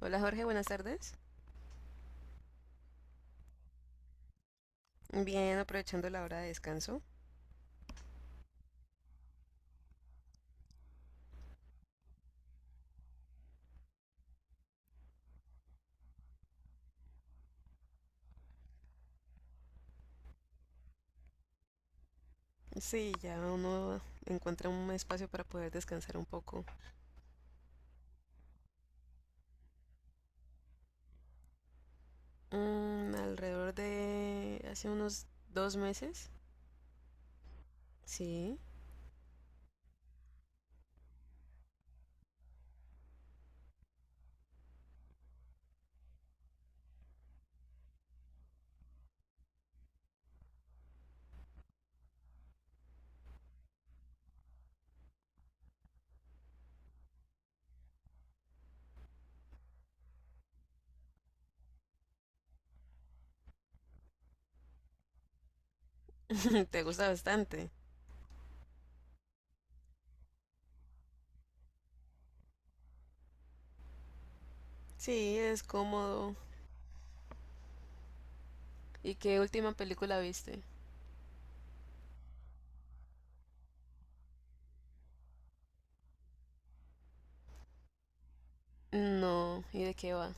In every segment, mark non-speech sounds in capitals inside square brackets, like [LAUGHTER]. Hola Jorge, buenas tardes. Bien, aprovechando la hora de descanso. Sí, ya uno encuentra un espacio para poder descansar un poco. Mm, alrededor de hace unos dos meses. Sí, [LAUGHS] te gusta bastante. Sí, es cómodo. ¿Y qué última película viste? No, ¿y de qué va?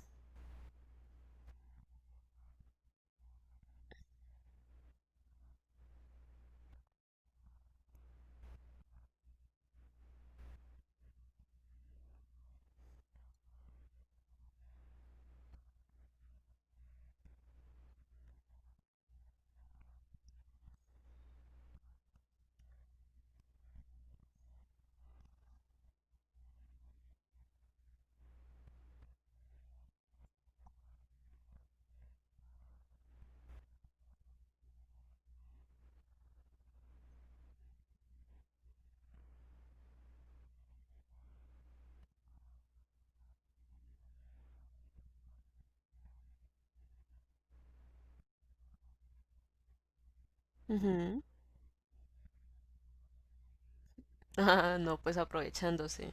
Ujú. [LAUGHS] Ah, no, pues aprovechándose.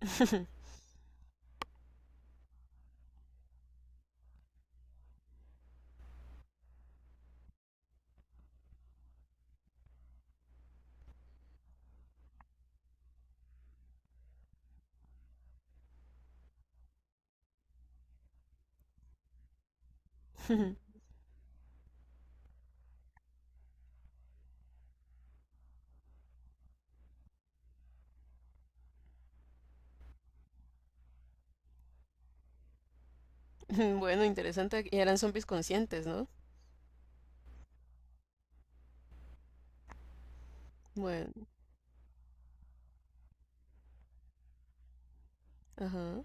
[LAUGHS] Bueno, interesante. Y eran zombies conscientes, ¿no? Bueno, ajá.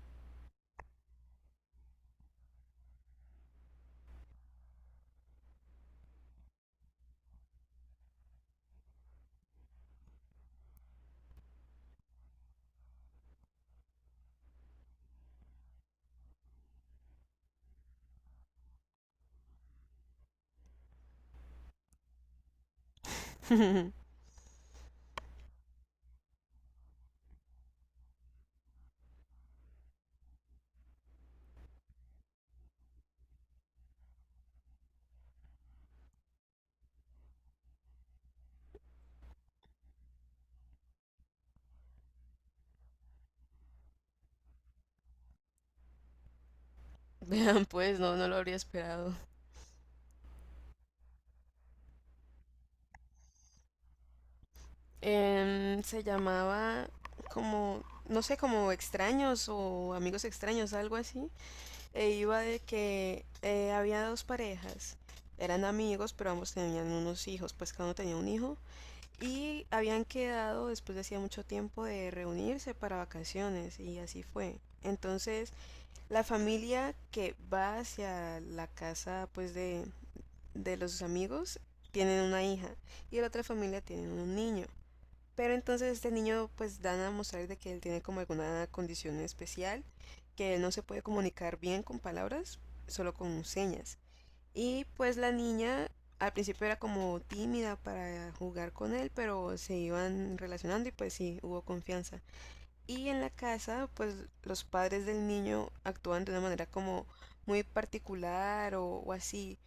[LAUGHS] [LAUGHS] Vean, pues no, no lo habría esperado. Se llamaba como, no sé, como extraños o amigos extraños, algo así. E iba de que había dos parejas. Eran amigos, pero ambos tenían unos hijos, pues cada uno tenía un hijo. Y habían quedado después de hacía mucho tiempo de reunirse para vacaciones y así fue. Entonces, la familia que va hacia la casa pues de los amigos tienen una hija y la otra familia tienen un niño. Pero entonces este niño pues dan a mostrar de que él tiene como alguna condición especial, que él no se puede comunicar bien con palabras, solo con señas. Y pues la niña al principio era como tímida para jugar con él, pero se iban relacionando y pues sí, hubo confianza. Y en la casa, pues los padres del niño actúan de una manera como muy particular o así.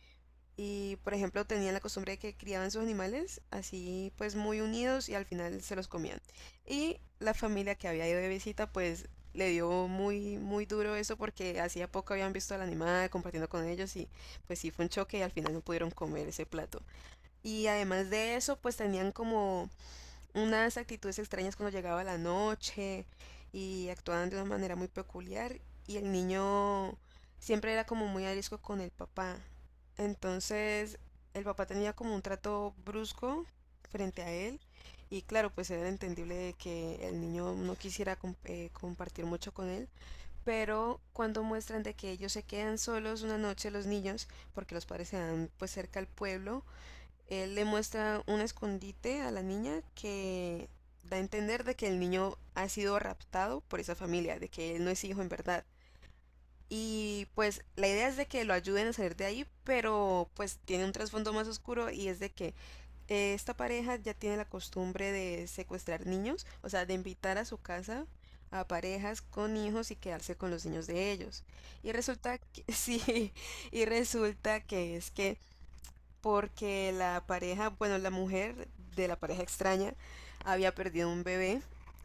Y, por ejemplo, tenían la costumbre de que criaban sus animales así, pues muy unidos y al final se los comían. Y la familia que había ido de visita, pues le dio muy, muy duro eso porque hacía poco habían visto al animal compartiendo con ellos y pues sí fue un choque y al final no pudieron comer ese plato. Y además de eso, pues tenían como unas actitudes extrañas cuando llegaba la noche y actuaban de una manera muy peculiar y el niño siempre era como muy arisco con el papá. Entonces el papá tenía como un trato brusco frente a él y claro, pues era entendible de que el niño no quisiera compartir mucho con él, pero cuando muestran de que ellos se quedan solos una noche los niños, porque los padres se van pues cerca al pueblo él le muestra un escondite a la niña que da a entender de que el niño ha sido raptado por esa familia, de que él no es hijo en verdad. Y pues la idea es de que lo ayuden a salir de ahí, pero pues tiene un trasfondo más oscuro y es de que esta pareja ya tiene la costumbre de secuestrar niños, o sea, de invitar a su casa a parejas con hijos y quedarse con los niños de ellos. Y resulta que [LAUGHS] sí, y resulta que es que porque la pareja, bueno, la mujer de la pareja extraña había perdido un bebé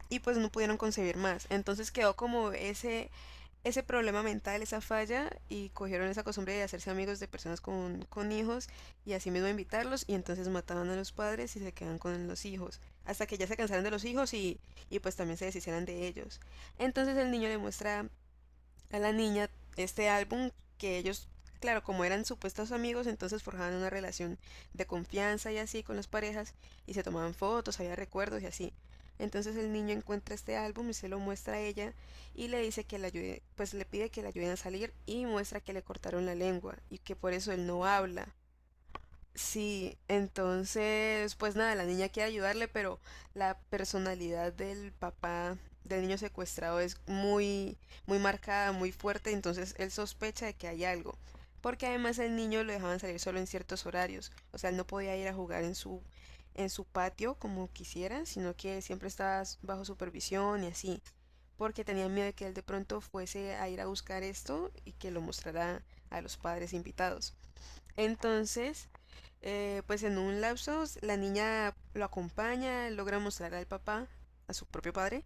y pues no pudieron concebir más. Entonces quedó como ese problema mental, esa falla y cogieron esa costumbre de hacerse amigos de personas con hijos y así mismo invitarlos y entonces mataban a los padres y se quedan con los hijos. Hasta que ya se cansaron de los hijos y pues también se deshicieran de ellos. Entonces el niño le muestra a la niña este álbum que ellos, claro, como eran supuestos amigos, entonces forjaban una relación de confianza y así con las parejas y se tomaban fotos, había recuerdos y así. Entonces el niño encuentra este álbum y se lo muestra a ella y le dice que le ayude, pues le pide que le ayuden a salir y muestra que le cortaron la lengua y que por eso él no habla. Sí, entonces, pues nada, la niña quiere ayudarle, pero la personalidad del papá del niño secuestrado es muy, muy marcada, muy fuerte, entonces él sospecha de que hay algo, porque además el niño lo dejaban salir solo en ciertos horarios, o sea, él no podía ir a jugar en su patio como quisiera, sino que siempre estaba bajo supervisión y así, porque tenía miedo de que él de pronto fuese a ir a buscar esto y que lo mostrara a los padres invitados. Entonces, pues en un lapso, la niña lo acompaña, logra mostrar al papá, a su propio padre,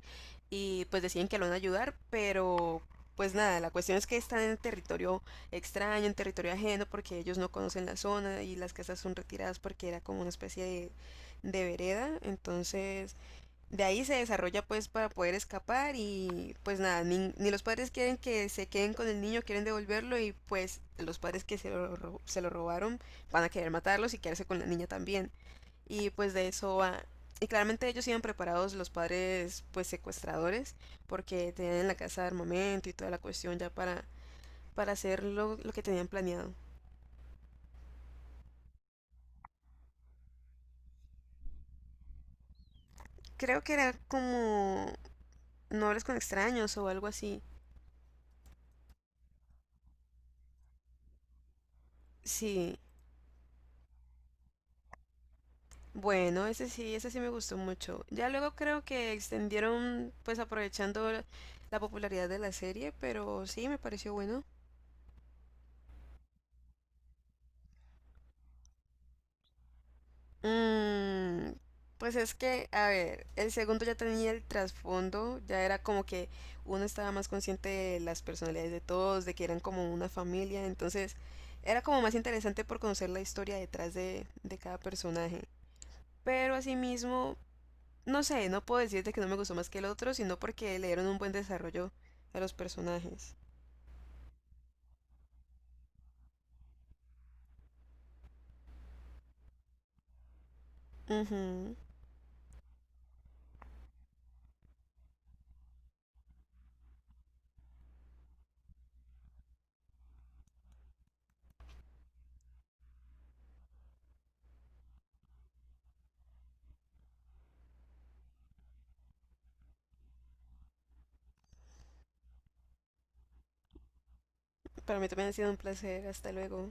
y pues deciden que lo van a ayudar, pero pues nada, la cuestión es que están en territorio extraño, en territorio ajeno, porque ellos no conocen la zona y las casas son retiradas porque era como una especie de vereda, entonces de ahí se desarrolla pues para poder escapar y pues nada, ni los padres quieren que se queden con el niño, quieren devolverlo y pues los padres que se lo, se lo robaron van a querer matarlos y quedarse con la niña también. Y pues de eso va. Y claramente ellos iban preparados los padres pues secuestradores porque tenían en la casa armamento y toda la cuestión ya para hacer lo que tenían planeado. Creo que era como no hables con extraños o algo así. Sí, bueno, ese sí me gustó mucho. Ya luego creo que extendieron, pues aprovechando la la popularidad de la serie, pero sí, me pareció bueno. Mm, pues es que, a ver, el segundo ya tenía el trasfondo, ya era como que uno estaba más consciente de las personalidades de todos, de que eran como una familia, entonces era como más interesante por conocer la historia detrás de cada personaje. Pero asimismo, no sé, no puedo decirte que no me gustó más que el otro, sino porque le dieron un buen desarrollo a los personajes. Ujú. Para mí también ha sido un placer. Hasta luego.